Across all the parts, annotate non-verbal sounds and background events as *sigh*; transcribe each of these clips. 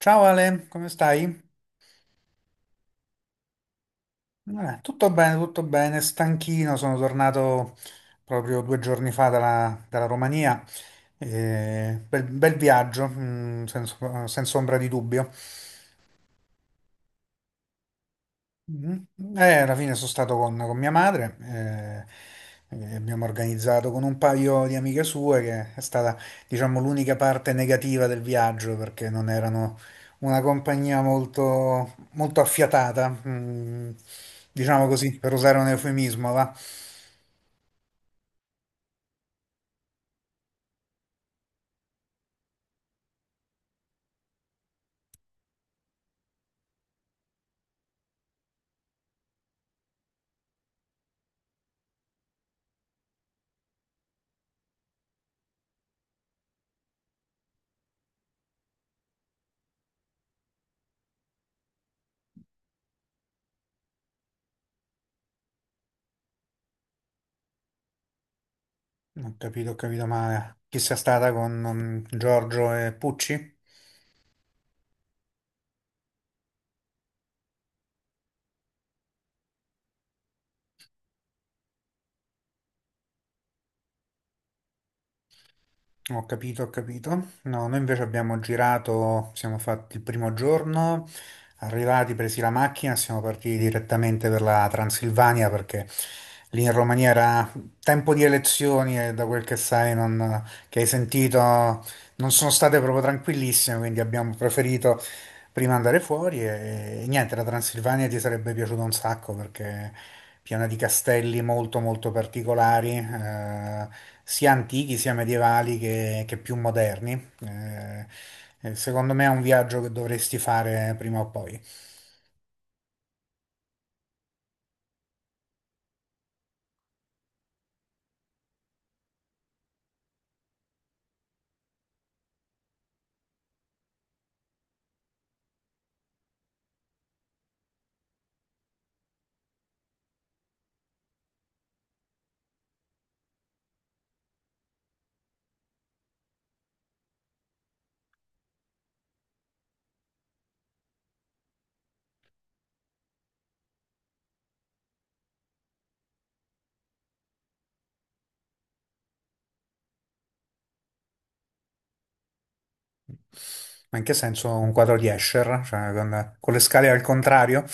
Ciao Ale, come stai? Tutto bene, tutto bene, stanchino, sono tornato proprio due giorni fa dalla Romania. Bel viaggio, senza ombra di dubbio. Mhm. Alla fine sono stato con mia madre, e abbiamo organizzato con un paio di amiche sue, che è stata, diciamo, l'unica parte negativa del viaggio, perché non erano una compagnia molto, molto affiatata, diciamo così, per usare un eufemismo, va? Ho capito male. Chi sia stata con Giorgio e Pucci? Ho capito, ho capito. No, noi invece abbiamo girato, siamo fatti il primo giorno, arrivati, presi la macchina, siamo partiti direttamente per la Transilvania perché lì in Romania era tempo di elezioni e da quel che sai, che hai sentito, non sono state proprio tranquillissime, quindi abbiamo preferito prima andare fuori e niente, la Transilvania ti sarebbe piaciuta un sacco perché è piena di castelli molto molto particolari, sia antichi sia medievali che più moderni. Eh, Secondo me è un viaggio che dovresti fare prima o poi. Ma in che senso un quadro di Escher? Cioè con le scale al contrario?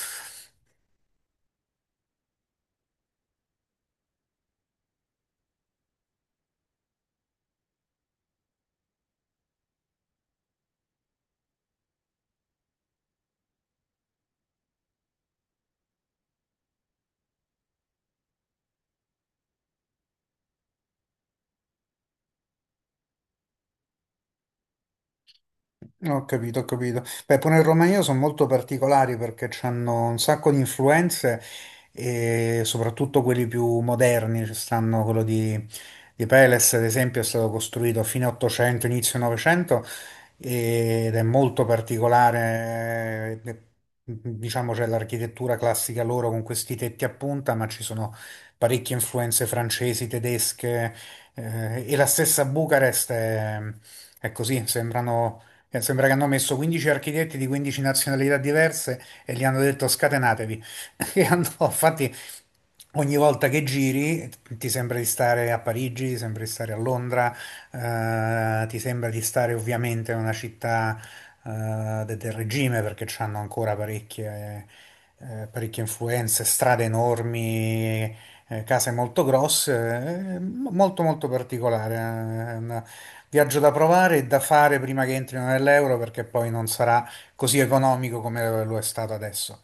Ho capito, ho capito. Beh, pure in Romania sono molto particolari perché hanno un sacco di influenze e soprattutto quelli più moderni, ci stanno quello di Peles, ad esempio, è stato costruito a fine 800, inizio 900 ed è molto particolare, diciamo c'è l'architettura classica loro con questi tetti a punta, ma ci sono parecchie influenze francesi, tedesche, e la stessa Bucarest è così, sembrano, sembra che hanno messo 15 architetti di 15 nazionalità diverse e gli hanno detto scatenatevi. *laughs* Infatti, ogni volta che giri ti sembra di stare a Parigi, ti sembra di stare a Londra, ti sembra di stare ovviamente in una città, del regime perché hanno ancora parecchie, parecchie influenze, strade enormi, case molto grosse, molto molto particolare. È un viaggio da provare e da fare prima che entrino nell'euro perché poi non sarà così economico come lo è stato adesso.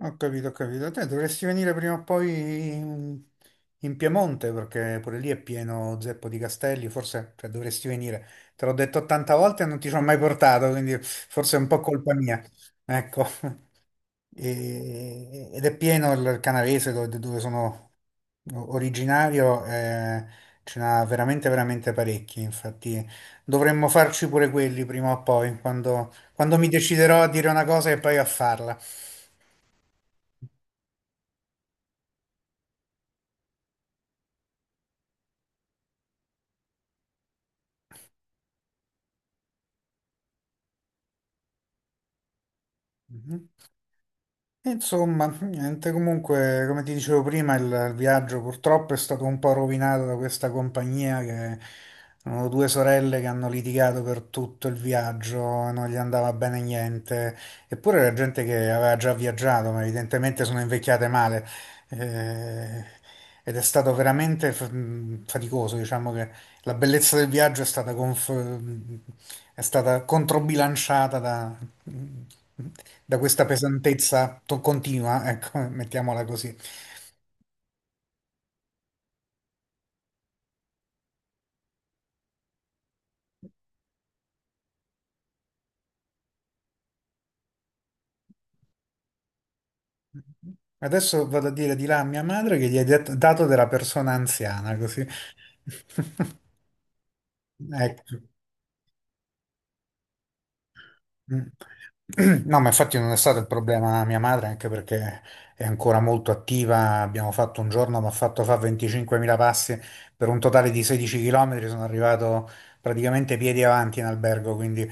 Ho capito, ho capito. Te dovresti venire prima o poi in, in Piemonte perché pure lì è pieno zeppo di castelli, forse cioè, dovresti venire. Te l'ho detto 80 volte e non ti ci ho mai portato, quindi forse è un po' colpa mia. Ecco. *laughs* Ed è pieno il Canavese dove sono originario, ce n'ha veramente veramente parecchi, infatti dovremmo farci pure quelli prima o poi, quando mi deciderò a dire una cosa e poi a farla. Mhm. Insomma, niente, comunque, come ti dicevo prima, il viaggio purtroppo è stato un po' rovinato da questa compagnia che erano due sorelle che hanno litigato per tutto il viaggio, non gli andava bene niente, eppure era gente che aveva già viaggiato, ma evidentemente sono invecchiate male. Eh, Ed è stato veramente faticoso, diciamo che la bellezza del viaggio è stata, è stata controbilanciata da, da questa pesantezza continua, *laughs* ecco, mettiamola così. Adesso vado a dire di là a mia madre che gli hai dato della persona anziana, così. *laughs* Ecco. Mm. *clears throat* No, ma infatti non è stato il problema mia madre, anche perché è ancora molto attiva. Abbiamo fatto un giorno, mi ha fatto fare 25.000 passi per un totale di 16 km. Sono arrivato praticamente piedi avanti in albergo, quindi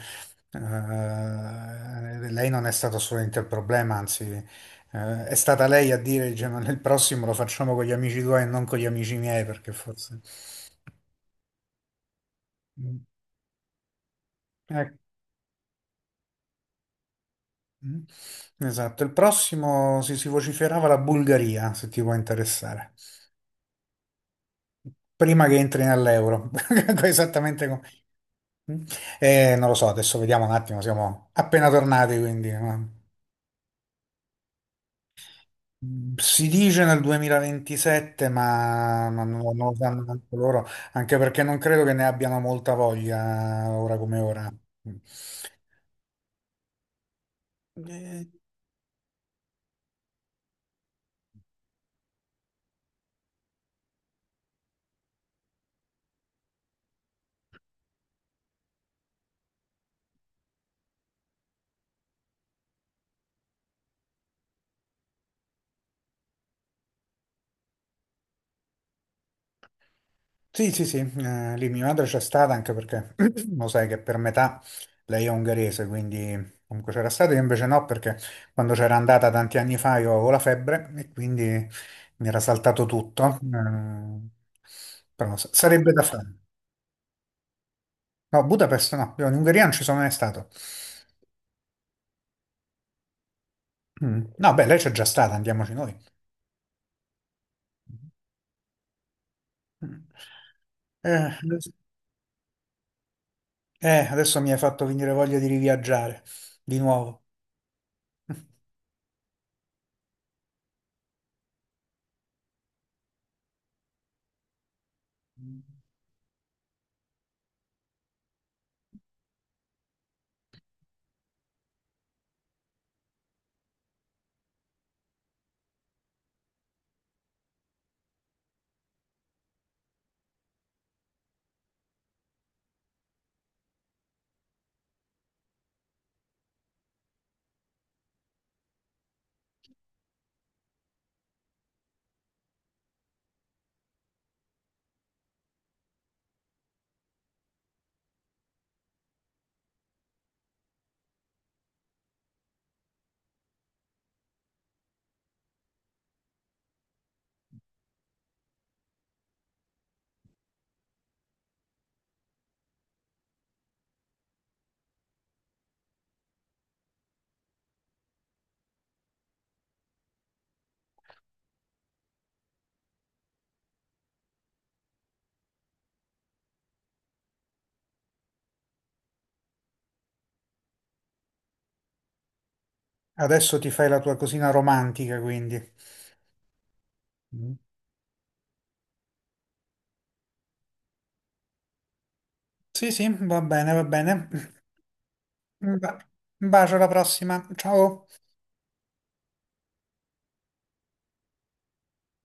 lei non è stato assolutamente il problema, anzi è stata lei a dire, dice, ma nel prossimo lo facciamo con gli amici tuoi e non con gli amici miei, perché forse... Mm. Ecco. Mm. Esatto, il prossimo si vociferava la Bulgaria, se ti può interessare, prima che entri nell'euro. *laughs* Esattamente come... Mm. Non lo so, adesso vediamo un attimo, siamo appena tornati, quindi... no? Si dice nel 2027, ma non lo sanno neanche loro, anche perché non credo che ne abbiano molta voglia ora come ora. Mm. Eh, sì, sì, sì, lì mia madre c'è stata anche perché *clears throat* lo sai che per metà lei è ungherese, quindi comunque c'era stata, io invece no perché quando c'era andata tanti anni fa io avevo la febbre e quindi mi era saltato tutto. Però sarebbe da fare. No, Budapest no, io in Ungheria non ci sono mai stato. Mm. No, beh, lei c'è già stata, andiamoci noi. Mm. Eh, adesso Adesso mi hai fatto venire voglia di riviaggiare di nuovo. *laughs* Adesso ti fai la tua cosina romantica, quindi. Mm. Sì, sì, va bene, va bene. Un ba- un bacio alla prossima. Ciao.